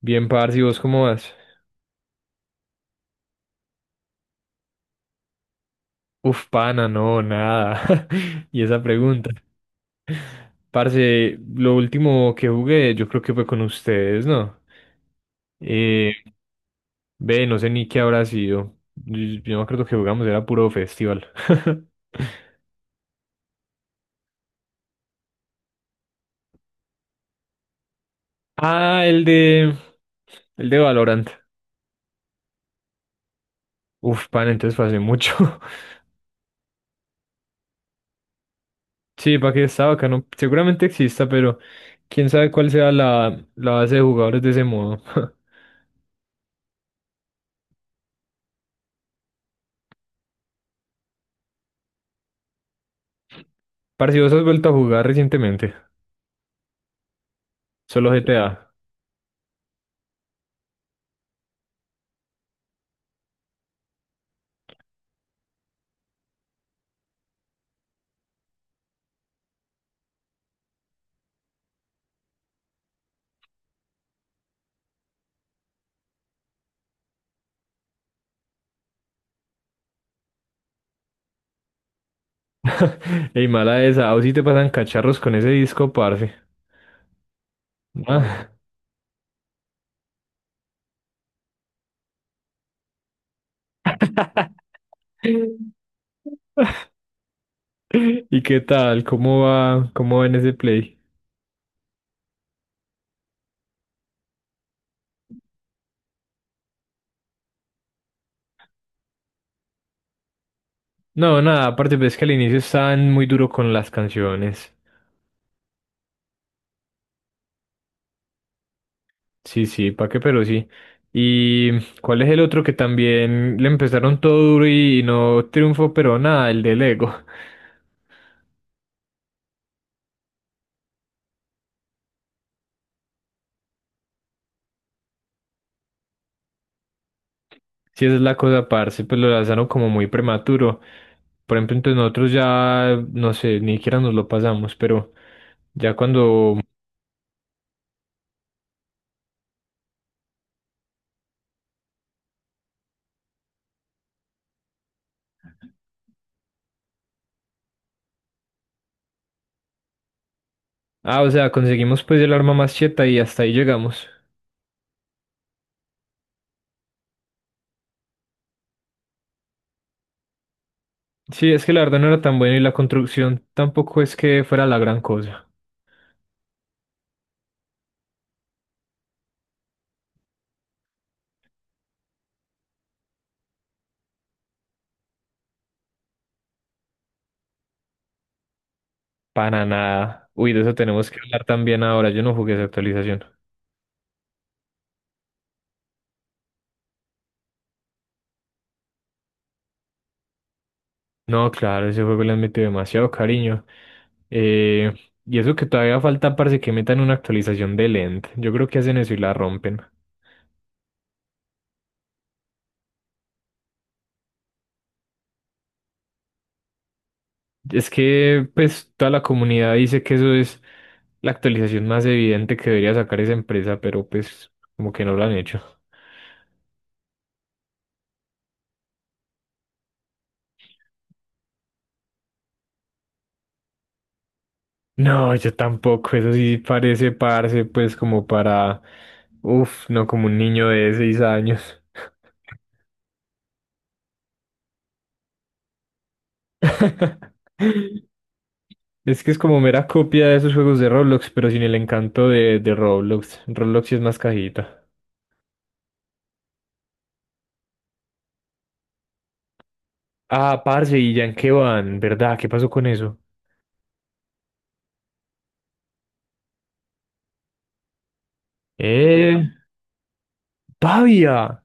Bien, parce, ¿y vos cómo vas? Uf, pana, no, nada. Y esa pregunta. Parce, lo último que jugué, yo creo que fue con ustedes, ¿no? Eh, ve, no sé ni qué habrá sido. Yo me acuerdo que jugamos, era puro festival. Ah, el de. El de Valorant. Uf, pana, entonces fue hace mucho. Sí, para que estaba acá, no. Seguramente exista, pero quién sabe cuál sea la base de jugadores de ese modo. Parce, ¿vos has vuelto a jugar recientemente? Solo GTA. Ey, mala esa. A vos sí te pasan cacharros con ese disco, parce. Ah. ¿Y qué tal? ¿Cómo va? ¿Cómo va en ese play? No, nada, aparte, pues es que al inicio estaban muy duro con las canciones. Sí, sí, pa' qué, pero sí. ¿Y cuál es el otro que también le empezaron todo duro y no triunfó, pero nada, el de Lego? Sí, esa es la cosa, parce, pues lo lanzaron como muy prematuro. Por ejemplo, entonces nosotros ya, no sé, ni siquiera nos lo pasamos, pero ya cuando... Ah, o sea, conseguimos pues el arma más cheta y hasta ahí llegamos. Sí, es que la verdad no era tan buena y la construcción tampoco es que fuera la gran cosa. Para nada. Uy, de eso tenemos que hablar también ahora. Yo no jugué esa actualización. No, claro, ese juego le han metido demasiado cariño. Eh, y eso que todavía falta, parece que metan una actualización de Lend. Yo creo que hacen eso y la rompen. Es que pues toda la comunidad dice que eso es la actualización más evidente que debería sacar esa empresa, pero pues como que no lo han hecho. No, yo tampoco, eso sí parece parse pues como para, uff, no como un niño de 6 años. Es que es como mera copia de esos juegos de Roblox, pero sin el encanto de Roblox. Roblox sí es más cajita. Ah, parce, ¿y ya en qué van? ¿Verdad? ¿Qué pasó con eso? ¡Eh! ¡Pavia!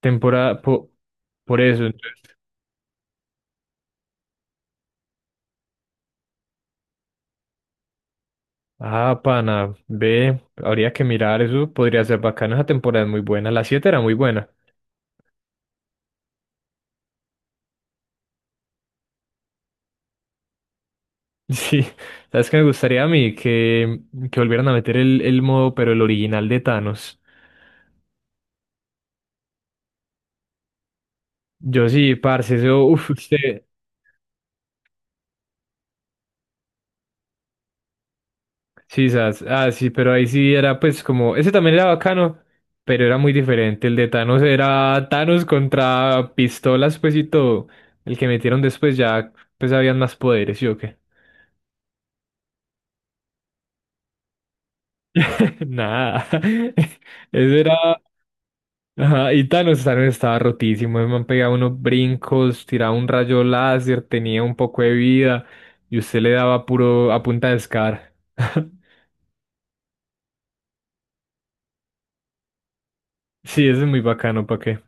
Temporada, por eso. Entonces, ah, pana, ve, habría que mirar eso, podría ser bacano, esa temporada es muy buena, la 7 era muy buena. Sí, sabes que me gustaría a mí que volvieran a meter el modo, pero el original de Thanos. Yo sí, parce, eso, uff, usted, sí, sas, ah, sí, pero ahí sí era pues como, ese también era bacano, pero era muy diferente, el de Thanos era Thanos contra pistolas, pues y todo, el que metieron después ya, pues habían más poderes, ¿sí o qué? Nada. Eso era. Ajá, y Thanos, Thanos estaba rotísimo. Me han pegado unos brincos, tiraba un rayo láser, tenía un poco de vida. Y usted le daba puro a punta de Scar. Sí, eso es muy bacano, ¿para qué?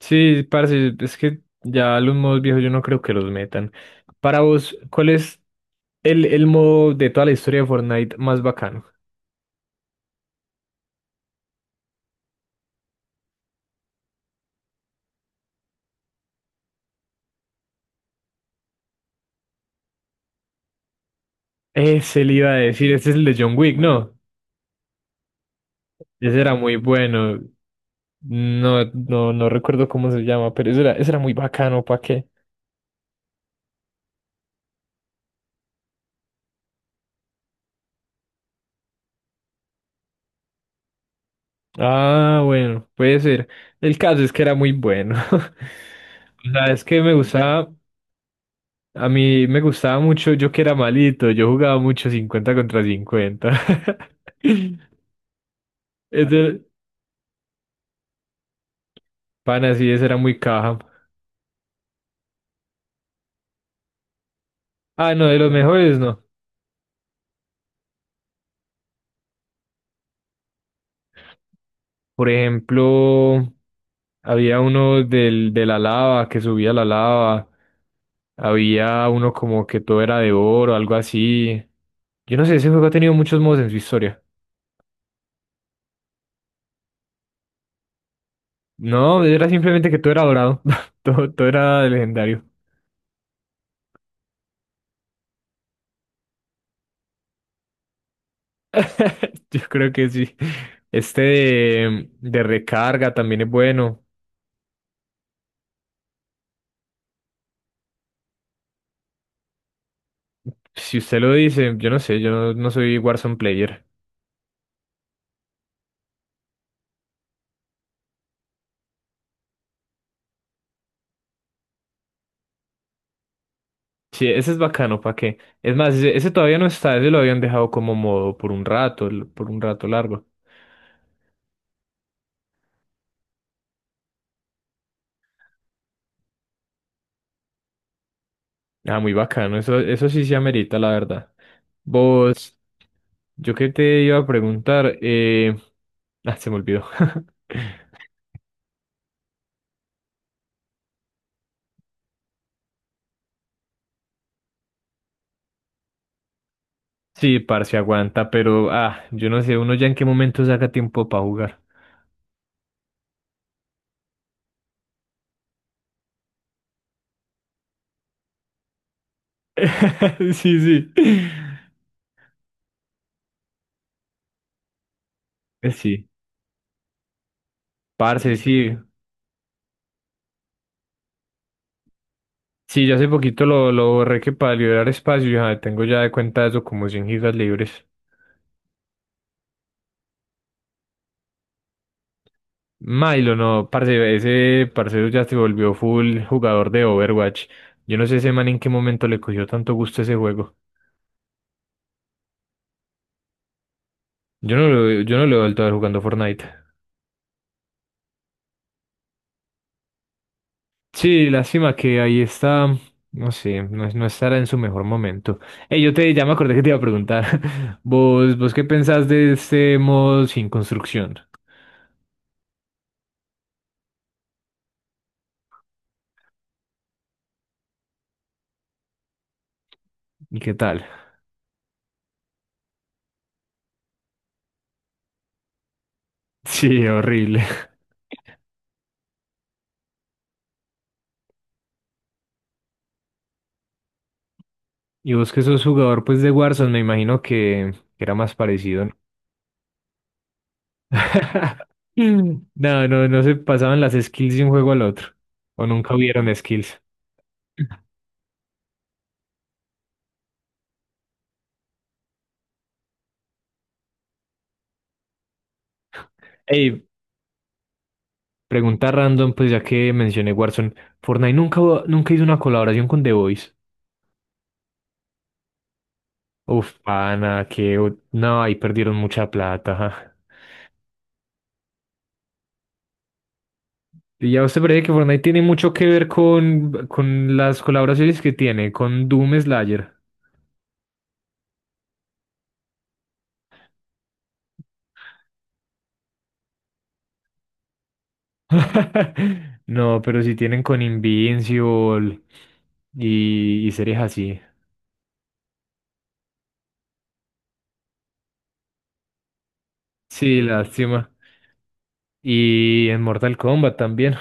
Sí, parce, es que ya los modos viejos yo no creo que los metan. Para vos, ¿cuál es el modo de toda la historia de Fortnite más bacano? Ese le iba a decir, ese es el de John Wick, ¿no? Ese era muy bueno. No, no, no recuerdo cómo se llama, pero eso era muy bacano, ¿para qué? Ah, bueno, puede ser. El caso es que era muy bueno. O sea, es que me gustaba, a mí me gustaba mucho, yo que era malito, yo jugaba mucho 50 contra 50. Ese- pana, sí, ese era muy caja. Ah, no, de los mejores, no. Por ejemplo, había uno del, de la lava, que subía la lava. Había uno como que todo era de oro, algo así. Yo no sé, ese juego ha tenido muchos modos en su historia. No, era simplemente que todo era dorado. Todo, todo era legendario. Yo creo que sí. Este de recarga también es bueno. Si usted lo dice, yo no sé, yo no soy Warzone player. Sí, ese es bacano, ¿para qué? Es más, ese todavía no está, ese lo habían dejado como modo por un rato, por un rato largo. Ah, muy bacano, eso sí se amerita, la verdad. Vos, yo qué te iba a preguntar, ah, se me olvidó. Sí, parce, aguanta, pero, ah, yo no sé, uno ya en qué momento saca tiempo para jugar. Sí, sí. Sí, parce, sí. Sí, yo hace poquito lo borré que para liberar espacio, ya tengo ya de cuenta eso como 100 gigas libres. Milo, no, parce, ese parcero ya se volvió full jugador de Overwatch. Yo no sé ese man en qué momento le cogió tanto gusto a ese juego. Yo no lo he vuelto a ver jugando Fortnite. Sí, lástima que ahí está, no sé, no, no estará en su mejor momento. Ey, ya me acordé que te iba a preguntar, vos qué pensás de este modo sin construcción? ¿Y qué tal? Sí, horrible. Y vos que sos jugador pues de Warzone, me imagino que era más parecido, ¿no? Mm. No, no, no se pasaban las skills de un juego al otro. O nunca hubieron skills. Ey, pregunta random, pues ya que mencioné Warzone, Fortnite nunca, nunca hizo una colaboración con The Voice. Uf, pana, que no, ahí perdieron mucha plata. Ajá. Y ya usted parece que Fortnite tiene mucho que ver con las colaboraciones que tiene, con Doom Slayer. No, pero si tienen con Invincible y series así. Sí, lástima. Y en Mortal Kombat también.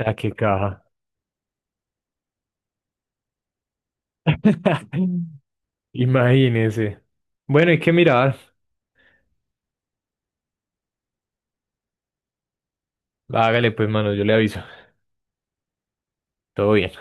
Ah, qué caja. Imagínese. Bueno, hay que mirar. Hágale pues, mano, yo le aviso. Todo bien.